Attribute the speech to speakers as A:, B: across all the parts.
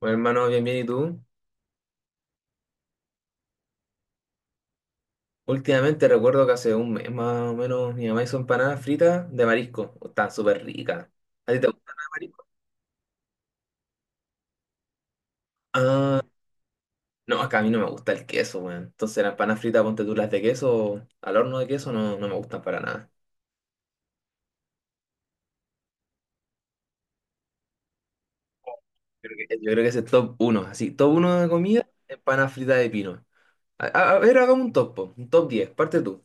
A: Bueno, hermano, bien, bien, ¿y tú? Últimamente recuerdo que hace un mes más o menos mi mamá hizo empanadas fritas de marisco. Están súper ricas. ¿A ti te gustan las de marisco? Ah, no, acá a mí no me gusta el queso, weón. Entonces las empanadas fritas, ponte tú las de queso, al horno de queso, no, no me gustan para nada. Yo creo que ese es top uno así, top uno de comida, empanadas fritas de pino. A ver, hagamos un top, po, un top 10 parte tú.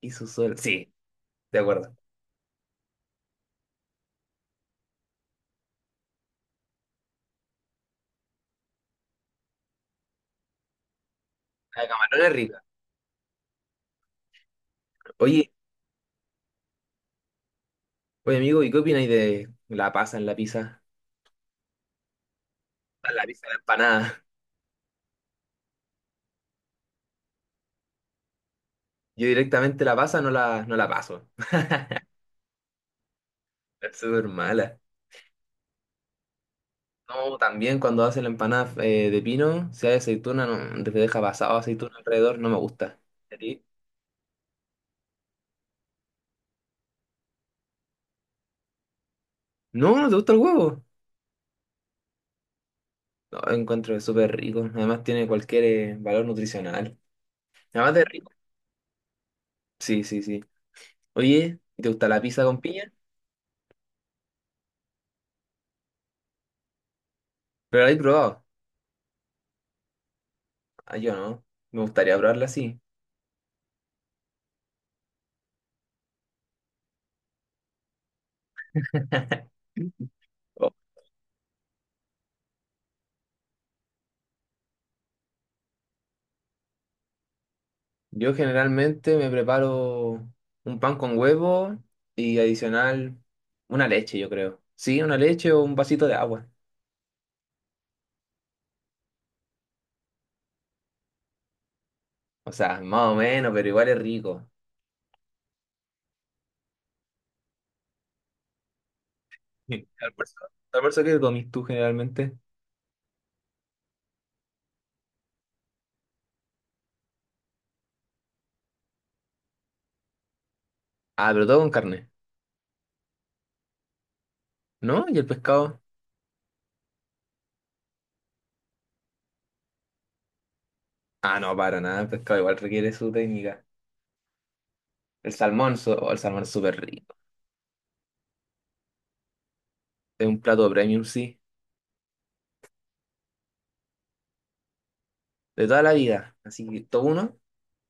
A: Y su sol. Sí, de acuerdo. La de camarón es rica. Oye, Oye amigo, ¿y qué opináis de la pasa en la pizza? La pizza en la empanada. Yo directamente la pasa, no la paso. Es súper mala. No, también cuando hace la empanada de pino, si hay aceituna, no, te deja pasado aceituna alrededor, no me gusta. ¿A ti? No, ¿no te gusta el huevo? No, encuentro que es súper rico. Además tiene cualquier valor nutricional. Además de rico. Sí, sí, sí. Oye, ¿te gusta la pizza con piña? Pero la he probado. Ah, yo no. Me gustaría probarla así. Yo generalmente me preparo un pan con huevo y adicional una leche, yo creo. Sí, una leche o un vasito de agua. O sea, más o menos, pero igual es rico. ¿Y tu almuerzo? ¿Tu almuerzo qué comís tú generalmente? Ah, pero todo con carne. ¿No? ¿Y el pescado? Ah, no, para nada. El pescado igual requiere su técnica. El salmón, oh, el salmón es súper rico. Es un plato premium, sí. De toda la vida. Así que, ¿todo uno?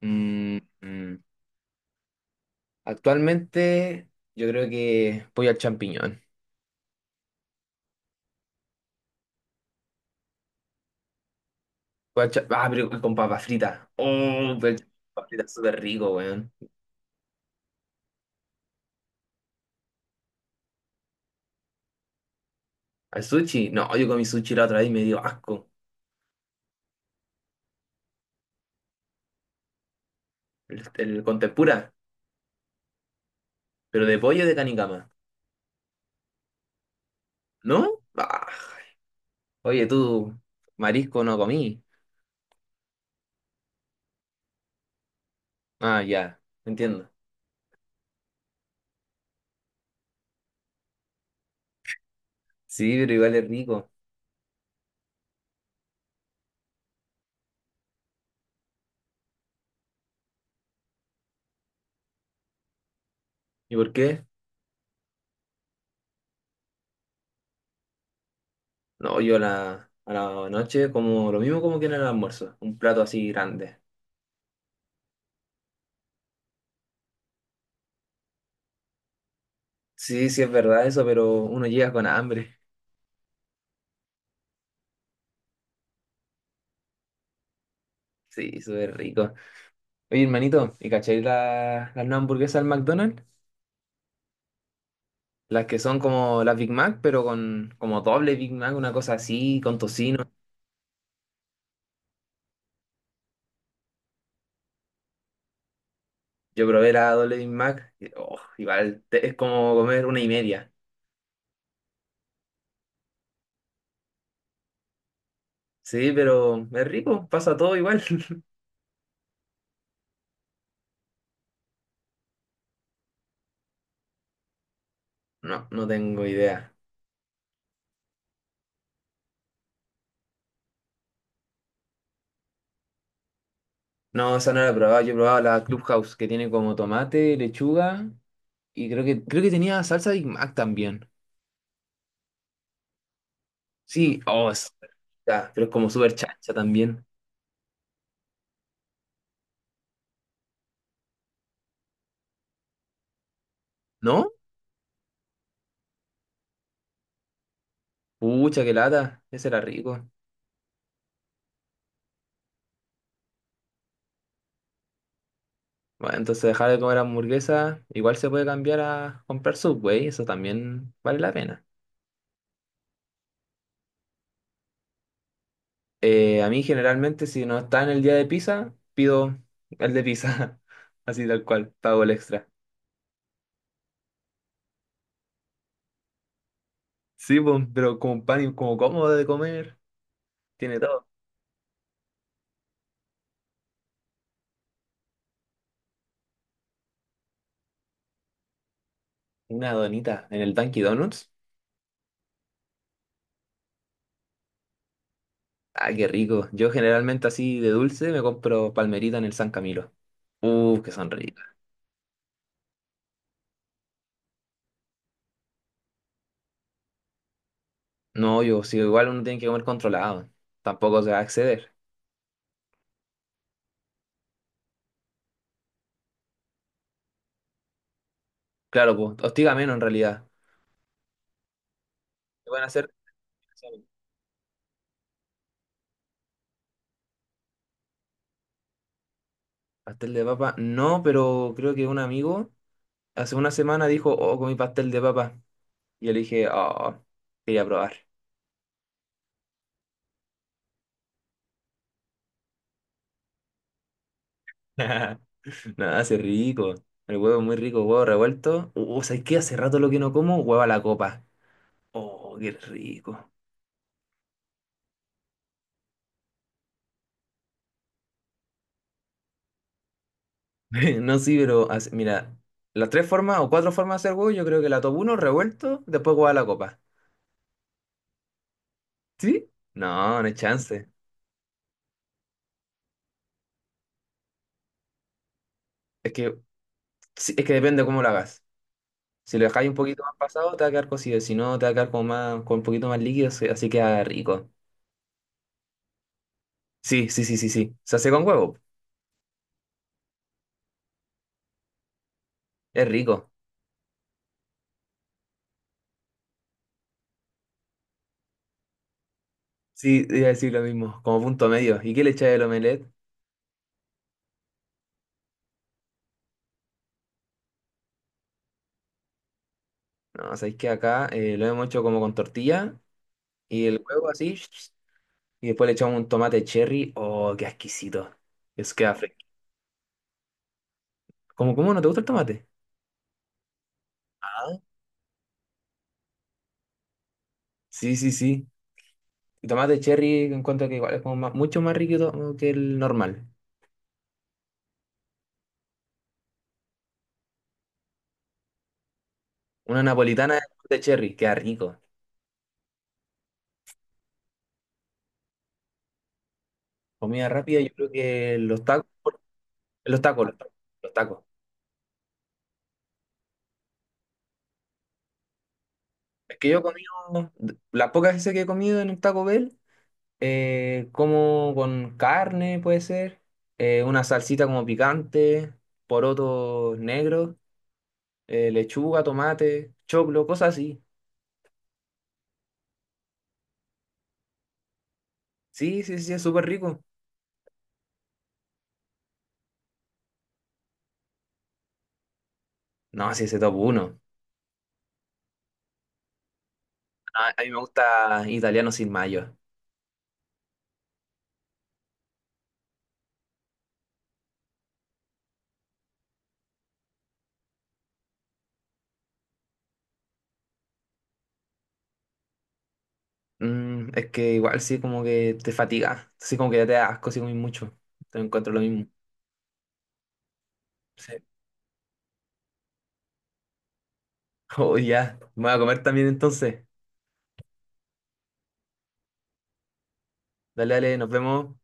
A: Mm, mm. Actualmente, yo creo que pollo al champiñón. Ah, pero con papas fritas. Oh, pero papas fritas súper rico, weón. ¿Al sushi? No, yo comí sushi la otra vez y me dio asco. El con tempura, pero de pollo de canicama. ¿No? Ah, oye, tú, marisco no comí. Ah, ya, entiendo. Sí, pero igual es rico. ¿Y por qué? No, yo a la noche como lo mismo como que en el almuerzo. Un plato así grande. Sí, sí es verdad eso, pero uno llega con hambre. Sí, súper rico. Oye, hermanito, ¿y cacháis las nuevas hamburguesas del McDonald's? Las que son como las Big Mac, pero con como doble Big Mac, una cosa así, con tocino. Yo probé la doble Big Mac, y, oh, igual, es como comer una y media. Sí, pero es rico, pasa todo igual. No, no tengo idea. No, esa no la he probado, yo he probado la Clubhouse, que tiene como tomate, lechuga, y creo que tenía salsa Big Mac también. Sí, oh, es rica, pero es como súper chancha también. ¿No? Pucha, qué lata, ese era rico. Bueno, entonces dejar de comer hamburguesa, igual se puede cambiar a comprar Subway, eso también vale la pena. A mí generalmente si no está en el día de pizza, pido el de pizza, así tal cual, pago el extra. Sí, pues, pero como pan y como cómodo de comer, tiene todo. Una donita en el Dunkin' Donuts, ah, qué rico. Yo generalmente así de dulce me compro palmerita en el San Camilo. Que son ricas. No, yo, si igual uno tiene que comer controlado, tampoco se va a exceder. Claro, pues, hostiga menos en realidad. ¿Te van a hacer? Pastel de papa, no, pero creo que un amigo hace una semana dijo, oh, comí pastel de papa. Y yo le dije, oh, quería probar. Nada, hace rico. El huevo es muy rico, huevo revuelto. ¿Sabes qué? Hace rato lo que no como, huevo a la copa. Oh, qué rico. No, sí, pero mira, las tres formas o cuatro formas de hacer huevo, yo creo que la top uno, revuelto, después huevo a la copa. ¿Sí? No, no hay chance. Es que, sí, es que depende cómo lo hagas. Si lo dejáis un poquito más pasado, te va a quedar cocido. Si no, te va a quedar como más, con un poquito más líquido, así queda rico. Sí, sí, sí, sí, sí. Se hace con huevo. Es rico. Sí, iba a decir lo mismo, como punto medio. ¿Y qué le echáis al omelette? No, sabéis que acá lo hemos hecho como con tortilla y el huevo así. Y después le echamos un tomate cherry. Oh, qué exquisito. Eso queda fresco. ¿Cómo no te gusta el tomate? Ah. Sí, sí, sí. El tomate cherry encuentro que igual es como mucho más rico que el normal. Una napolitana de tomate cherry, queda rico. Comida rápida, yo creo que los tacos, los tacos, los tacos, los tacos. Es que yo he comido, las pocas veces que he comido en un Taco Bell, como con carne, puede ser, una salsita como picante, porotos negros, lechuga, tomate, choclo, cosas así. Sí, sí, sí, es súper rico. No, sí, ese top uno. A mí me gusta italiano sin mayo. Es que igual sí, como que te fatiga, sí, como que ya te da asco si comes mucho. Te encuentro lo mismo. Sí. Oh, ya. Me voy a comer también entonces. Dale, dale, nos vemos.